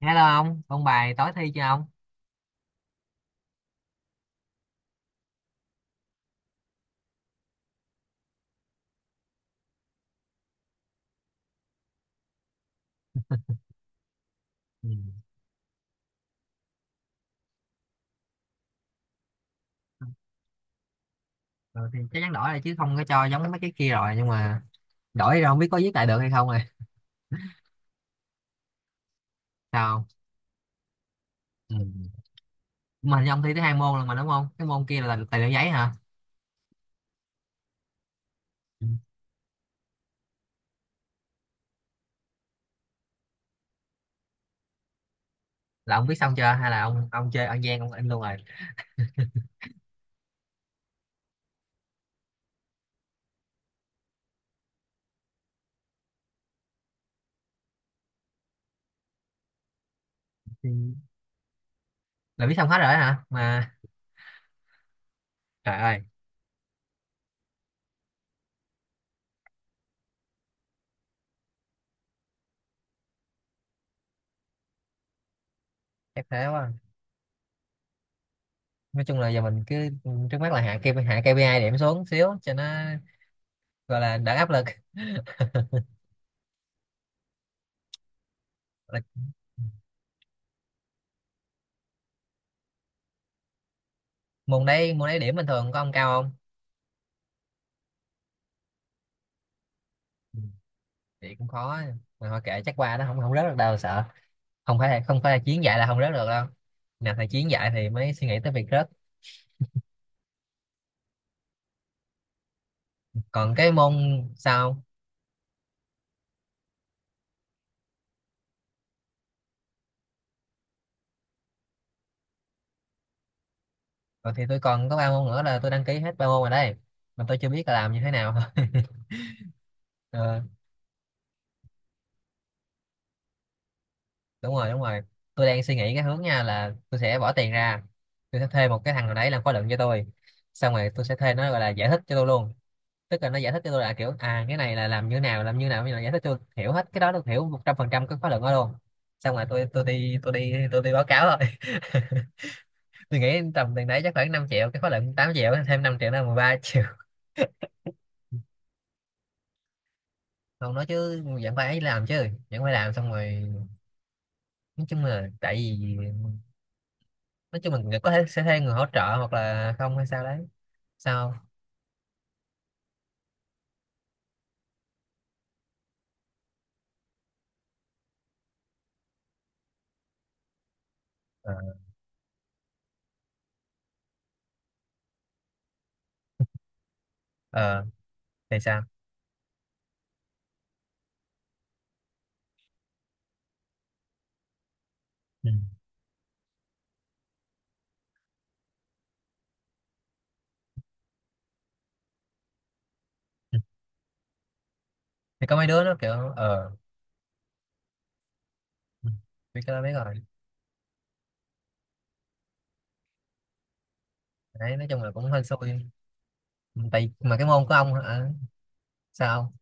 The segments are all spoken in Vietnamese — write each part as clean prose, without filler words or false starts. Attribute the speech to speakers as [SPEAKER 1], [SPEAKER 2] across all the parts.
[SPEAKER 1] Hello ông, bài tối thi chưa ông? Ừ. Ừ, thì chắc chắn đổi rồi chứ không có cho giống mấy cái kia rồi, nhưng mà đổi rồi không biết có viết lại được hay không rồi. Sao không? Ừ. Mà hình như ông thi tới hai môn rồi mà, đúng không? Cái môn kia là tài liệu giấy hả? Ừ. Là ông viết xong chưa hay là ông chơi ăn gian ông in luôn rồi? Thì là viết xong hết rồi đó hả? Mà trời ơi, chắc thế quá. Nói chung là giờ mình cứ trước mắt là hạ KPI, hạ KPI điểm xuống xíu cho nó gọi là đỡ áp lực. Là môn đấy, môn đấy điểm bình thường có ông cao không? Thì cũng khó. Mà thôi kệ, chắc qua, nó không không rớt được đâu sợ, không phải không phải là Chiến dạy là không rớt được đâu. Nào thầy Chiến dạy thì mới suy nghĩ tới việc rớt. Còn cái môn sau, còn thì tôi còn có ba môn nữa là tôi đăng ký hết ba môn rồi đây, mà tôi chưa biết là làm như thế nào. Ờ, đúng rồi đúng rồi. Tôi đang suy nghĩ cái hướng nha, là tôi sẽ bỏ tiền ra, tôi sẽ thuê một cái thằng nào đấy làm khóa luận cho tôi, xong rồi tôi sẽ thuê nó gọi là giải thích cho tôi luôn. Tức là nó giải thích cho tôi là kiểu à cái này là làm như nào, làm như nào, như là giải thích cho tôi hiểu hết cái đó, tôi hiểu một trăm phần trăm cái khóa luận đó luôn. Xong rồi tôi đi báo cáo rồi. Tôi nghĩ tầm tiền đấy chắc khoảng năm triệu, cái khóa luận tám triệu thêm 5 triệu là 13 triệu. Không nói chứ vẫn phải làm, chứ vẫn phải làm. Xong rồi nói chung là tại vì, nói chung mình có thể sẽ thuê người hỗ trợ hoặc là không hay sao đấy. Sao? ờ ờ, thì sao? Ừ. Ừ. Thì có mấy đứa nó kiểu ờ, ừ, biết cái đó biết rồi. Đấy nói chung là cũng hơi xui. Tại mà cái môn của ông hả? Sao?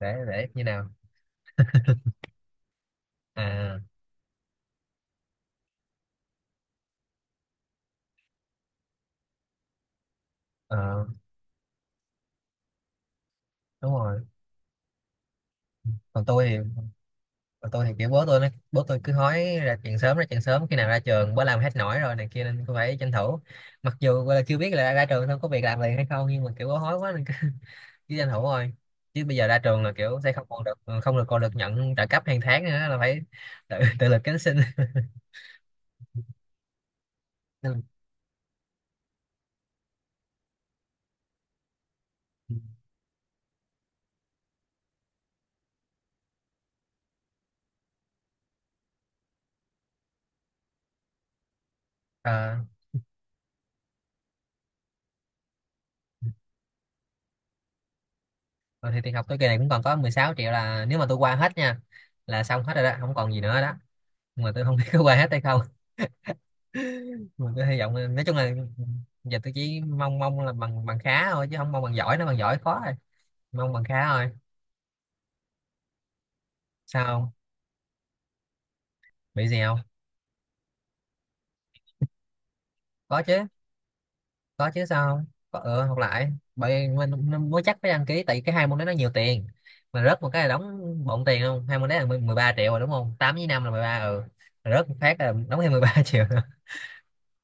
[SPEAKER 1] Để như nào? À, ờ, đúng rồi. Còn tôi thì, còn tôi thì kiểu bố tôi nó, bố tôi cứ hói ra chuyện sớm ra chuyện sớm, khi nào ra trường, bố làm hết nổi rồi này kia, nên tôi phải tranh thủ. Mặc dù gọi là chưa biết là ra trường xong có việc làm liền hay không, nhưng mà kiểu bố hói quá nên cứ cứ tranh thủ thôi. Chứ bây giờ ra trường là kiểu sẽ không còn được không được còn được nhận trợ cấp hàng tháng nữa, là phải tự tự lực cánh sinh. Nên là, ờ, rồi thì tiền học tôi kỳ này cũng còn có 16 triệu, là nếu mà tôi qua hết nha là xong hết rồi đó, không còn gì nữa đó. Nhưng mà tôi không biết có qua hết hay không. Mình cứ hy vọng là, nói chung là giờ tôi chỉ mong mong là bằng bằng khá thôi, chứ không mong bằng giỏi, nó bằng giỏi khó rồi. Mong bằng khá thôi. Sao không? Bị gì không? Có chứ. Có chứ, sao không? Có ừ, học lại. Bởi mình mới chắc phải đăng ký, tại vì cái hai môn đó nó nhiều tiền, mà rớt một cái là đóng bộn tiền luôn. Hai môn đấy là 10 13 triệu rồi, đúng không? Tám với 5 là 13, ừ. Rồi rớt một phát là đóng thêm 13 triệu nữa.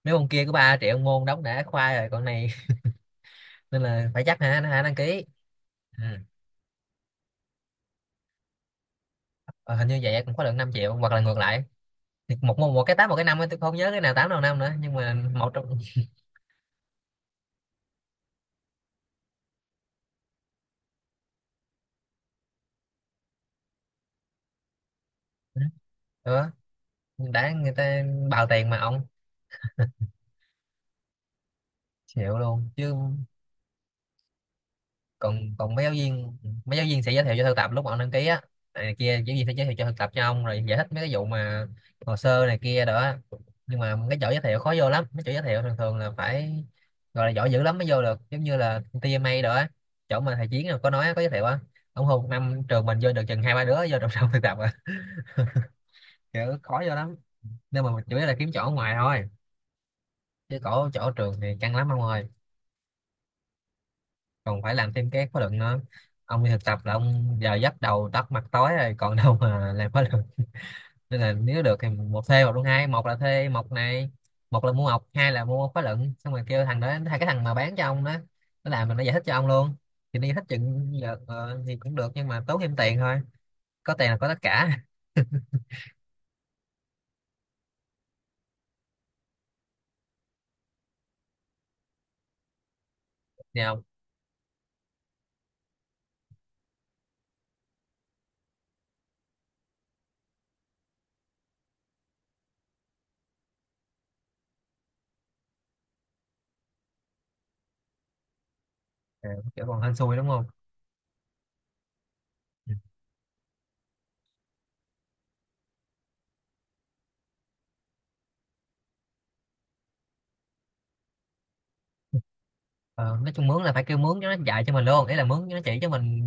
[SPEAKER 1] Nếu môn kia có 3 triệu môn đóng đã khoai rồi, còn này. Nên là phải chắc hả hả đăng ký. Ừ. Ờ, hình như vậy, cũng có được 5 triệu hoặc là ngược lại. Thì một một một cái tám một cái năm ấy, tôi không nhớ cái nào tám nào năm nữa, nhưng mà một trong nữa. Đã người ta bào tiền mà ông, chịu luôn chứ. Còn, còn mấy giáo viên, mấy giáo viên sẽ giới thiệu cho thực tập lúc mà ông đăng ký á, này kia giáo viên sẽ giới thiệu cho thực tập cho ông rồi giải thích mấy cái vụ mà hồ sơ này kia đó. Nhưng mà cái chỗ giới thiệu khó vô lắm, mấy chỗ giới thiệu thường thường là phải gọi là giỏi dữ lắm mới vô được, giống như là TMA đó á, chỗ mà thầy Chiến có nói có giới thiệu á. Ông Hùng năm trường mình vô được chừng hai ba đứa vô trong trong thực tập à. Kiểu khó vô lắm. Nếu mà mình chủ yếu là kiếm chỗ ở ngoài thôi, chứ chỗ chỗ ở trường thì căng lắm ông ơi. Còn phải làm thêm cái khóa luận nữa. Ông đi thực tập là ông giờ giấc đầu tắt mặt tối rồi, còn đâu mà làm khóa luận. Nên là nếu được thì một thuê một luôn, hai một là thuê một này, một là mua học, hai là mua khóa luận, xong rồi kêu thằng đó, hai cái thằng mà bán cho ông đó, nó làm, mình nó giải thích cho ông luôn. Thì nó giải thích chừng giờ ờ, thì cũng được nhưng mà tốn thêm tiền thôi. Có tiền là có tất cả. Nào kiểu còn hên xui đúng không? Ừ. Ờ, nói chung mướn là phải kêu mướn cho nó dạy cho mình luôn, ý là mướn cho nó chỉ cho mình,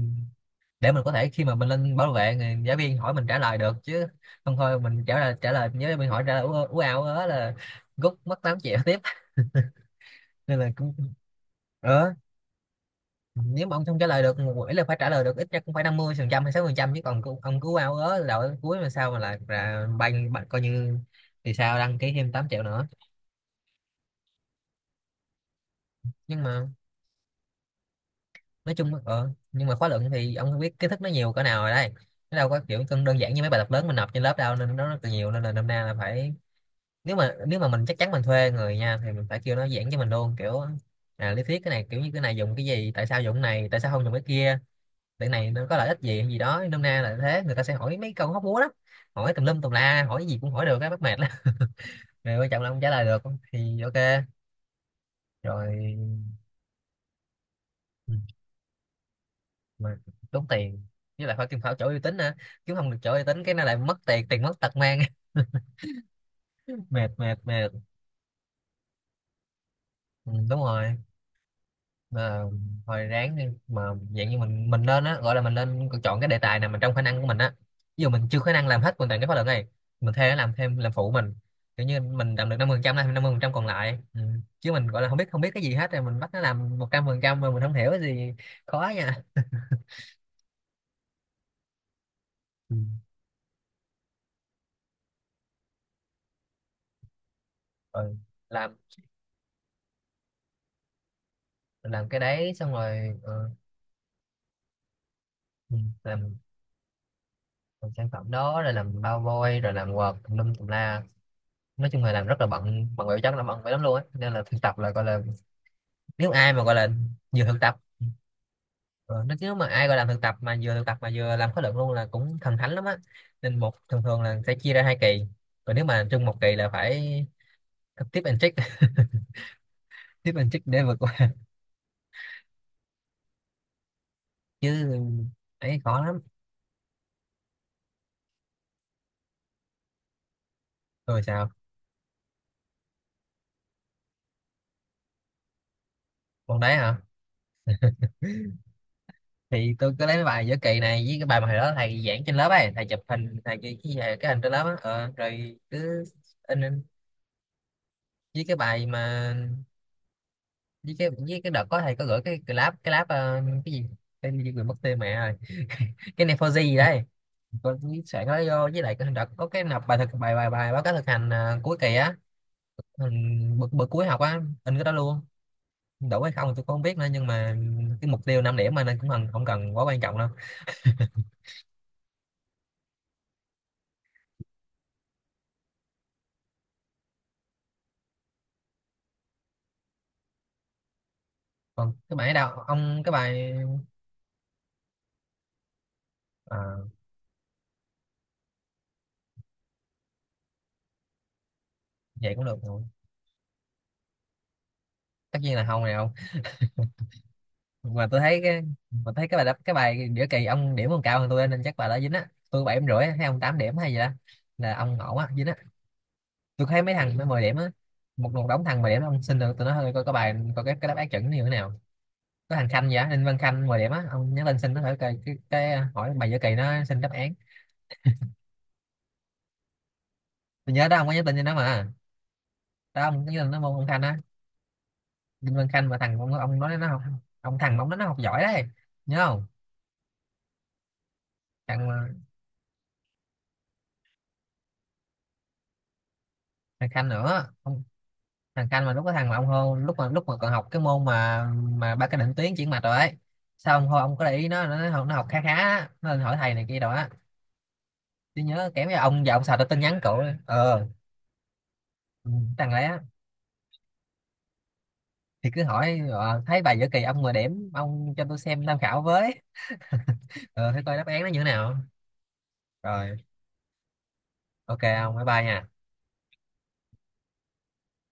[SPEAKER 1] để mình có thể khi mà mình lên bảo vệ, người giáo viên hỏi mình trả lời được, chứ không thôi mình trả lời nhớ mình hỏi trả lời ú ú ảo đó là rút mất 8 triệu tiếp. Nên là cũng ờ, nếu mà ông không trả lời được một buổi, là phải trả lời được ít nhất cũng phải 50 phần trăm hay 60 phần trăm, chứ còn cứ ông cứ ú ảo đó đầu đến cuối, mà sao mà là banh bạn coi như, thì sao, đăng ký thêm 8 triệu nữa. Nhưng mà nói chung ờ, nhưng mà khóa luận thì ông không biết kiến thức nó nhiều cỡ nào rồi đây, nó đâu có kiểu cân đơn giản như mấy bài tập lớn mình nộp trên lớp đâu, nên nó rất là nhiều. Nên là năm nay là phải, nếu mà mình chắc chắn mình thuê người nha, thì mình phải kêu nó giảng cho mình luôn, kiểu à lý thuyết cái này, kiểu như cái này dùng cái gì, tại sao dùng cái này, tại sao không dùng cái kia, cái này nó có lợi ích gì hay gì đó, nôm na là thế. Người ta sẽ hỏi mấy câu hóc búa lắm, hỏi tùm lum tùm la, hỏi gì cũng hỏi được, cái bắt mệt lắm. Rồi quan trọng là không trả lời được thì ok, rồi. Ừ, mà tốn tiền, với lại phải kiếm phải chỗ uy tín nữa, chứ không được chỗ uy tín cái nó lại mất tiền, tiền mất tật mang. Mệt mệt mệt. Ừ, đúng rồi. Mà hồi ráng đi mà, dạng như mình nên á, gọi là mình nên chọn cái đề tài nào mà trong khả năng của mình á. Ví dụ mình chưa khả năng làm hết hoàn toàn cái khóa luận này, mình thuê nó làm thêm làm phụ mình, kiểu như mình làm được năm, năm mươi phần trăm, làm năm mươi phần trăm còn lại. Ừ. Chứ mình gọi là không biết cái gì hết, rồi mình bắt nó làm 100% mà mình không hiểu cái gì, khó nha. Ừ. Rồi làm, mình làm cái đấy xong rồi ờ, ừ. làm, làm sản phẩm đó, rồi làm bao vôi, rồi làm quạt tùm lum tùm la. Nói chung là làm rất là bận, bận bịu, chắc là bận vậy lắm luôn á. Nên là thực tập là gọi là, nếu ai mà gọi là vừa thực tập, ờ, nó, nếu mà ai gọi là thực tập mà vừa thực tập mà vừa làm khóa luận luôn là cũng thần thánh lắm á. Nên một thường thường là sẽ chia ra hai kỳ, còn nếu mà chung một kỳ là phải tập tiếp and trick. Tiếp and trick để vượt qua. Chứ ấy khó lắm. Rồi sao? Còn đấy hả? Thì tôi cứ lấy cái bài giữa kỳ này với cái bài mà hồi đó thầy giảng trên lớp ấy, thầy chụp hình thầy cái cái hình trên lớp á, ờ, rồi cứ in in. Với cái bài mà, với cái, với cái đợt có thầy có gửi cái cái lab ờ, cái gì, cái gì quên mất tên mẹ rồi, cái này for gì đấy, con sẽ nó vô. Với lại đợt có cái nộp bài thực bài bài bài báo cáo thực hành à, cuối kỳ á, ừ, bữa, bữa cuối học á, in cái đó luôn. Đủ hay không tôi cũng không biết nữa, nhưng mà cái mục tiêu 5 điểm mà, nên cũng cần không cần quá quan trọng đâu. Còn cái bài đâu ông, cái bài? À, vậy cũng được rồi. Tất nhiên là không, này không. Mà tôi thấy cái, mà thấy cái bài đáp cái bài giữa kỳ ông điểm còn cao hơn tôi, nên chắc bài đó dính á. Tôi bảy điểm rưỡi á, hay ông 8 điểm hay gì đó, là ông ổn á, dính á. Tôi thấy mấy thằng nó 10 điểm á, một một đống thằng 10 điểm. Ông xin được tụi nó hơi, coi có bài, coi cái đáp án chuẩn như thế nào. Có thằng Khanh vậy, Ninh Văn Khanh 10 điểm á, ông nhắn tin xin nó hỏi cái à, hỏi bài giữa kỳ nó, xin đáp án. Tôi nhớ đó, ông có nhắn tin cho nó mà. Đó ông có nhắn tin nó môn, ông Khanh á, Ninh Văn Khanh mà, thằng ông nói nó học, ông thằng mà ông nói nó học giỏi đấy, nhớ không? Thằng thằng Khanh nữa ông, thằng Khanh mà lúc có thằng mà ông hô, lúc mà còn học cái môn mà ba cái định tuyến chuyển mạch rồi ấy. Sao ông hô, ông có để ý nó, nó học khá khá á, nó lên hỏi thầy này kia rồi á. Tôi nhớ kém với ông và ông, sao tôi tin nhắn cậu ấy. Ờ, ừ, thằng lé. Thì cứ hỏi ờ, thấy bài giữa kỳ ông mà điểm, ông cho tôi xem tham khảo với. Ờ thế coi đáp án nó như thế nào. Rồi ok ông, bye bye nha.